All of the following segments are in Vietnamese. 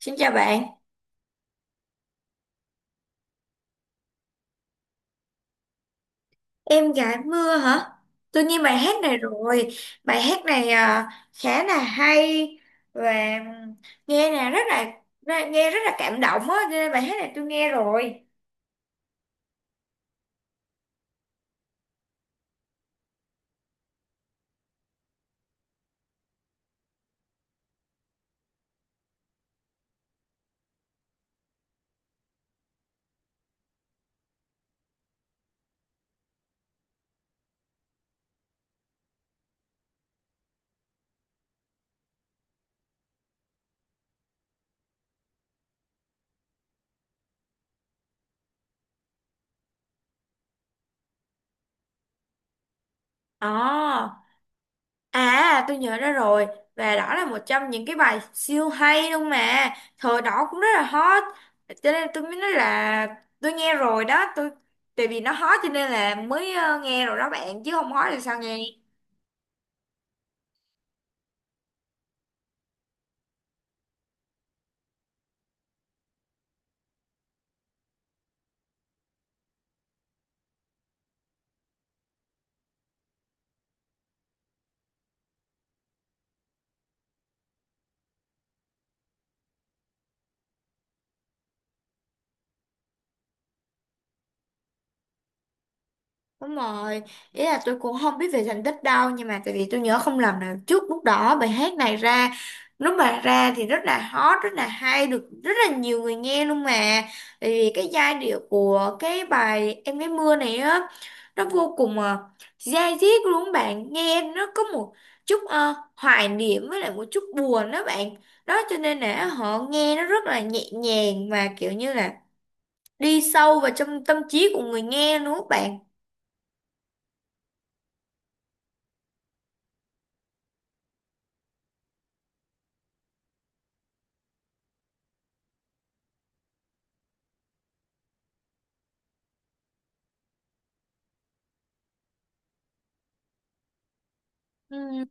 Xin chào bạn, em gái mưa hả? Tôi nghe bài hát này rồi, bài hát này à, khá là hay và nghe là rất là nghe rất là cảm động á, cho nên bài hát này tôi nghe rồi. À, à tôi nhớ ra rồi và đó là một trong những cái bài siêu hay luôn mà, thời đó cũng rất là hot, cho nên tôi mới nói là tôi nghe rồi đó, tôi tại vì nó hot cho nên là mới nghe rồi đó bạn chứ không hot thì sao nghe? Đúng rồi, ý là tôi cũng không biết về thành tích đâu. Nhưng mà tại vì tôi nhớ không lầm là trước lúc đó bài hát này ra. Lúc mà ra thì rất là hot, rất là hay, được rất là nhiều người nghe luôn mà. Tại vì cái giai điệu của cái bài Em gái mưa này á, nó vô cùng dai diết luôn á bạn. Nghe nó có một chút hoài niệm với lại một chút buồn đó bạn. Đó cho nên là họ nghe nó rất là nhẹ nhàng, mà kiểu như là đi sâu vào trong tâm trí của người nghe luôn á bạn. Ừ.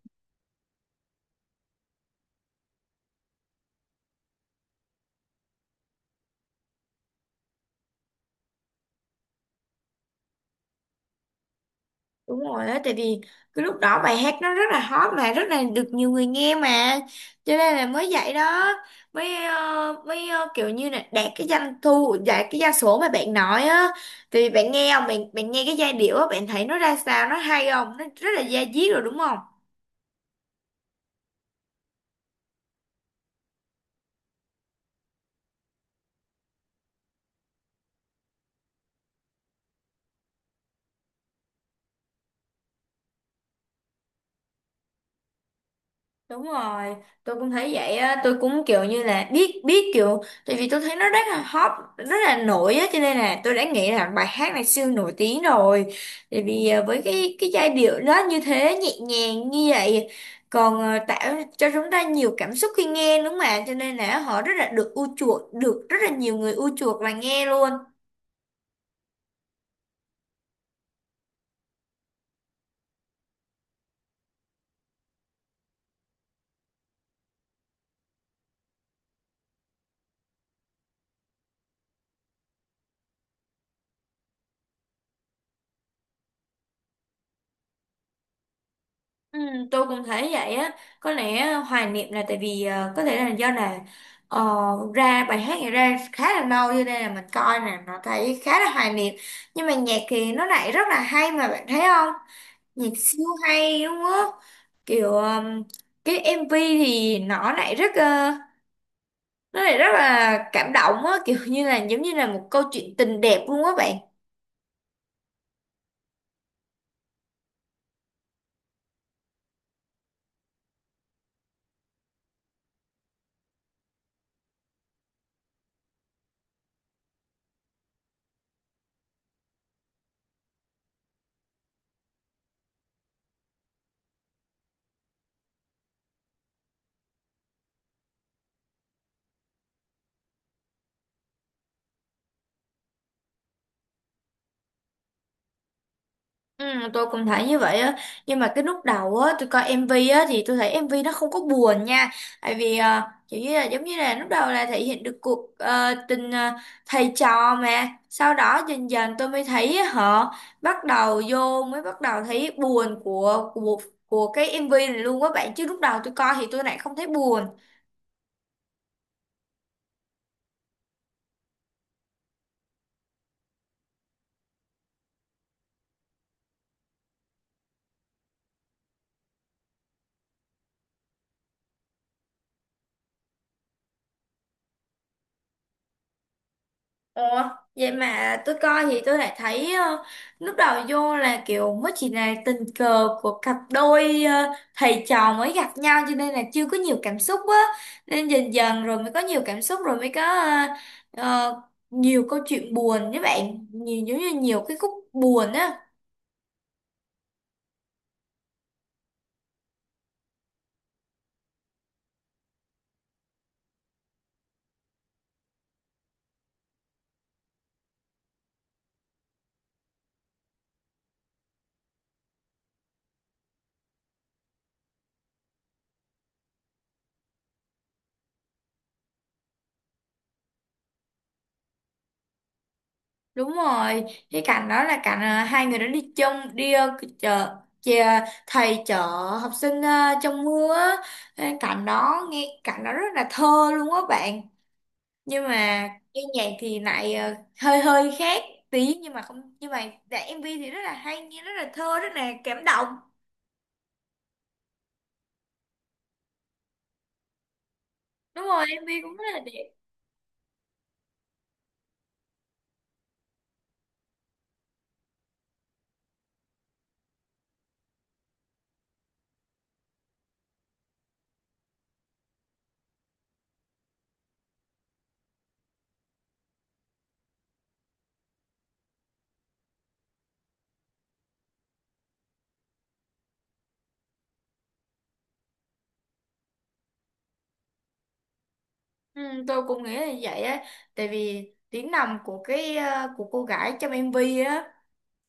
Đúng rồi á, tại vì cái lúc đó bài hát nó rất là hot mà rất là được nhiều người nghe mà, cho nên là mới vậy đó, mới kiểu như là đạt cái doanh thu, đạt cái gia số mà bạn nói á, thì bạn nghe không, bạn bạn nghe cái giai điệu á, bạn thấy nó ra sao, nó hay không, nó rất là da diết rồi đúng không? Đúng rồi, tôi cũng thấy vậy á, tôi cũng kiểu như là biết biết kiểu tại vì tôi thấy nó rất là hot, rất là nổi á, cho nên là tôi đã nghĩ là bài hát này siêu nổi tiếng rồi. Tại vì với cái giai điệu đó như thế nhẹ nhàng như vậy, còn tạo cho chúng ta nhiều cảm xúc khi nghe đúng không ạ? Cho nên là họ rất là được ưa chuộng, được rất là nhiều người ưa chuộng và nghe luôn. Ừ, tôi cũng thấy vậy á, có lẽ hoài niệm là tại vì có thể là do là ờ, ra bài hát này ra khá là lâu, cho nên là mình coi nè nó thấy khá là hoài niệm, nhưng mà nhạc thì nó lại rất là hay mà bạn thấy không, nhạc siêu hay đúng không? Kiểu Cái MV thì nó lại nó lại rất là cảm động á, kiểu như là giống như là một câu chuyện tình đẹp luôn á bạn. Ừ, tôi cũng thấy như vậy á, nhưng mà cái lúc đầu á tôi coi MV á thì tôi thấy MV nó không có buồn nha, tại vì chỉ như là giống như là lúc đầu là thể hiện được cuộc tình thầy trò, mà sau đó dần dần tôi mới thấy họ bắt đầu vô mới bắt đầu thấy buồn của cái MV này luôn á bạn, chứ lúc đầu tôi coi thì tôi lại không thấy buồn. Ủa, vậy mà tôi coi thì tôi lại thấy lúc đầu vô là kiểu mới chỉ là tình cờ của cặp đôi thầy trò mới gặp nhau, cho nên là chưa có nhiều cảm xúc á. Nên dần dần rồi mới có nhiều cảm xúc, rồi mới có ờ, nhiều câu chuyện buồn với bạn. Nhiều giống như nhiều cái khúc buồn á. Đúng rồi, cái cảnh đó là cảnh hai người đó đi chung, đi chợ thầy chở học sinh trong mưa á. Cái cảnh đó nghe cảnh đó rất là thơ luôn á bạn, nhưng mà cái nhạc thì lại hơi hơi khác tí, nhưng mà không, nhưng mà dạ, MV thì rất là hay, nghe rất là thơ, rất là cảm động. Đúng rồi, MV cũng rất là đẹp. Ừ, tôi cũng nghĩ là như vậy á, tại vì tiếng nằm của cái của cô gái trong MV á,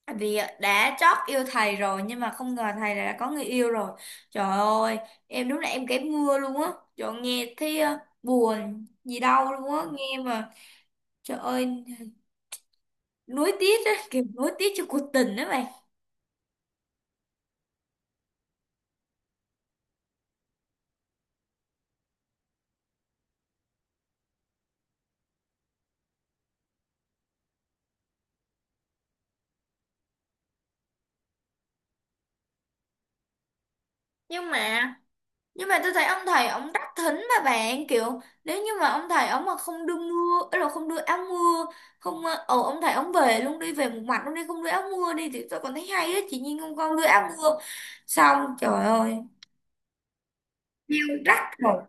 tại vì đã chót yêu thầy rồi nhưng mà không ngờ thầy đã có người yêu rồi, trời ơi, em đúng là em kém mưa luôn á, trời ơi, nghe thấy buồn gì đâu luôn á nghe mà. Trời ơi, nuối tiếc á, kiểu nuối tiếc cho cuộc tình đó. Nhưng mà nhưng mà tôi thấy ông thầy ông rất thính mà bạn, kiểu nếu như mà ông thầy ông mà không đưa mưa ấy, là không đưa áo mưa, không ông thầy ông về luôn đi, về một mặt luôn đi, không đưa áo mưa đi thì tôi còn thấy hay á, chị Nhiên không con đưa áo mưa xong trời ơi rắc rồi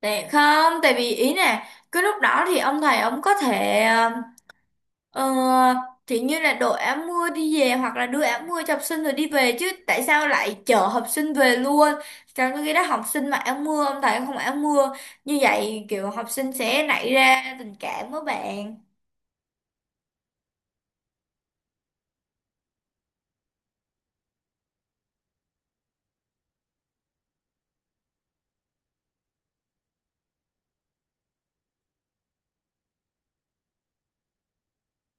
tệ không, tại vì ý nè cái lúc đó thì ông thầy ông có thể Ờ, thì như là đội áo mưa đi về, hoặc là đưa áo mưa cho học sinh rồi đi về, chứ tại sao lại chở học sinh về luôn, trong cái đó học sinh mặc áo mưa, ông thầy không mặc áo mưa, như vậy kiểu học sinh sẽ nảy ra tình cảm với bạn.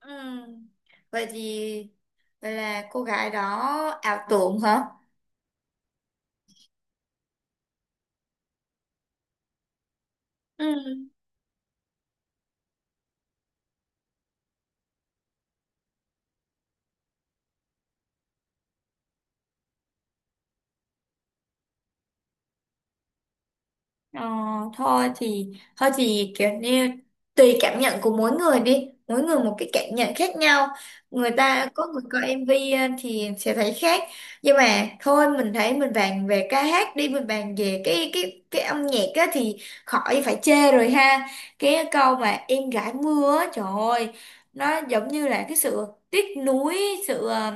Ừ. Vậy thì vậy là cô gái đó ảo tưởng hả? Ừ. Ờ, Thôi thì, thôi thì kiểu như tùy cảm nhận của mỗi người đi, mỗi người một cái cảm nhận khác nhau, người ta có người coi MV thì sẽ thấy khác. Nhưng mà thôi, mình thấy mình bàn về ca hát đi, mình bàn về cái âm nhạc á, thì khỏi phải chê rồi ha. Cái câu mà em gái mưa á, trời ơi, nó giống như là cái sự tiếc nuối, sự ờ,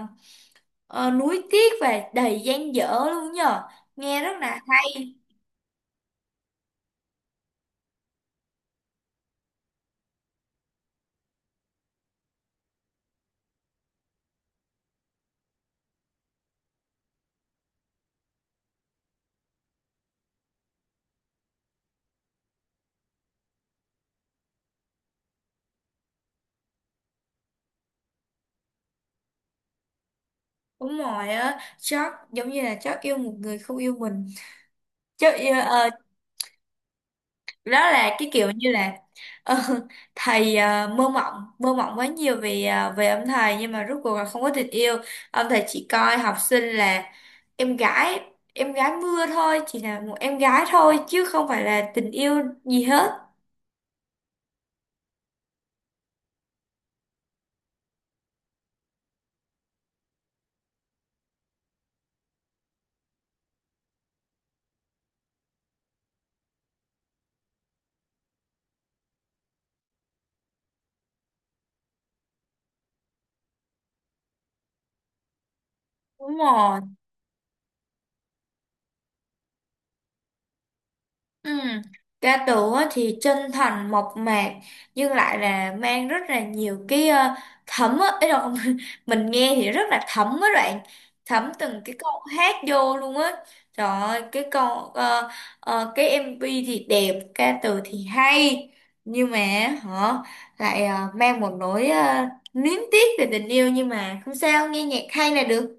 ờ, nuối tiếc và đầy dang dở luôn nhờ, nghe rất là. Đúng rồi á, chắc giống như là chắc yêu một người không yêu mình. Chắc yêu, đó là cái kiểu như là ờ, thầy mơ mộng quá nhiều về về ông thầy, nhưng mà rốt cuộc là không có tình yêu. Ông thầy chỉ coi học sinh là em gái, em gái mưa thôi, chỉ là một em gái thôi chứ không phải là tình yêu gì hết. Đúng rồi. Ừ. Ca tù á thì chân thành mộc mạc, nhưng lại là mang rất là nhiều cái thấm á ấy đâu mình nghe thì rất là thấm á bạn, thấm từng cái câu hát vô luôn á. Trời ơi cái câu ờ, cái MV thì đẹp, ca từ thì hay, nhưng mà họ lại mang một nỗi luyến tiếc về tình yêu, nhưng mà không sao, nghe nhạc hay là được.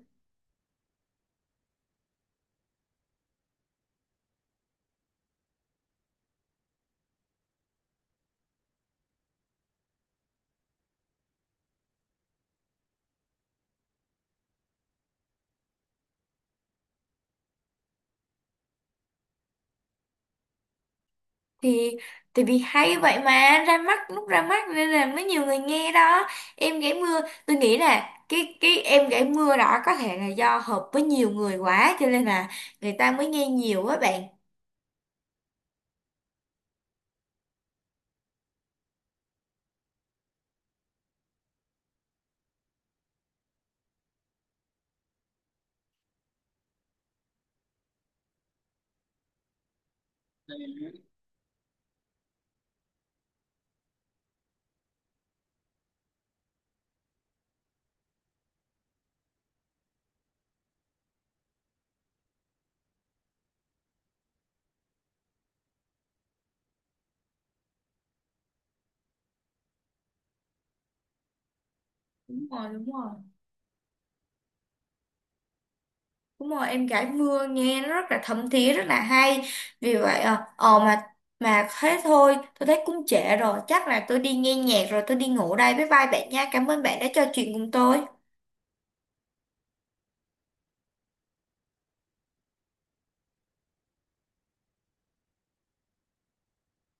Thì tại vì hay vậy mà ra mắt, lúc ra mắt nên là mới nhiều người nghe đó. Em gãy mưa, tôi nghĩ là cái em gãy mưa đó có thể là do hợp với nhiều người quá, cho nên là người ta mới nghe nhiều á bạn. Đúng rồi đúng rồi đúng rồi em gãy mưa nghe nó rất là thấm thía, rất là hay, vì vậy ờ ờ mà thế thôi, tôi thấy cũng trễ rồi, chắc là tôi đi nghe nhạc rồi tôi đi ngủ đây, bye bye bạn nha, cảm ơn bạn đã trò chuyện cùng tôi.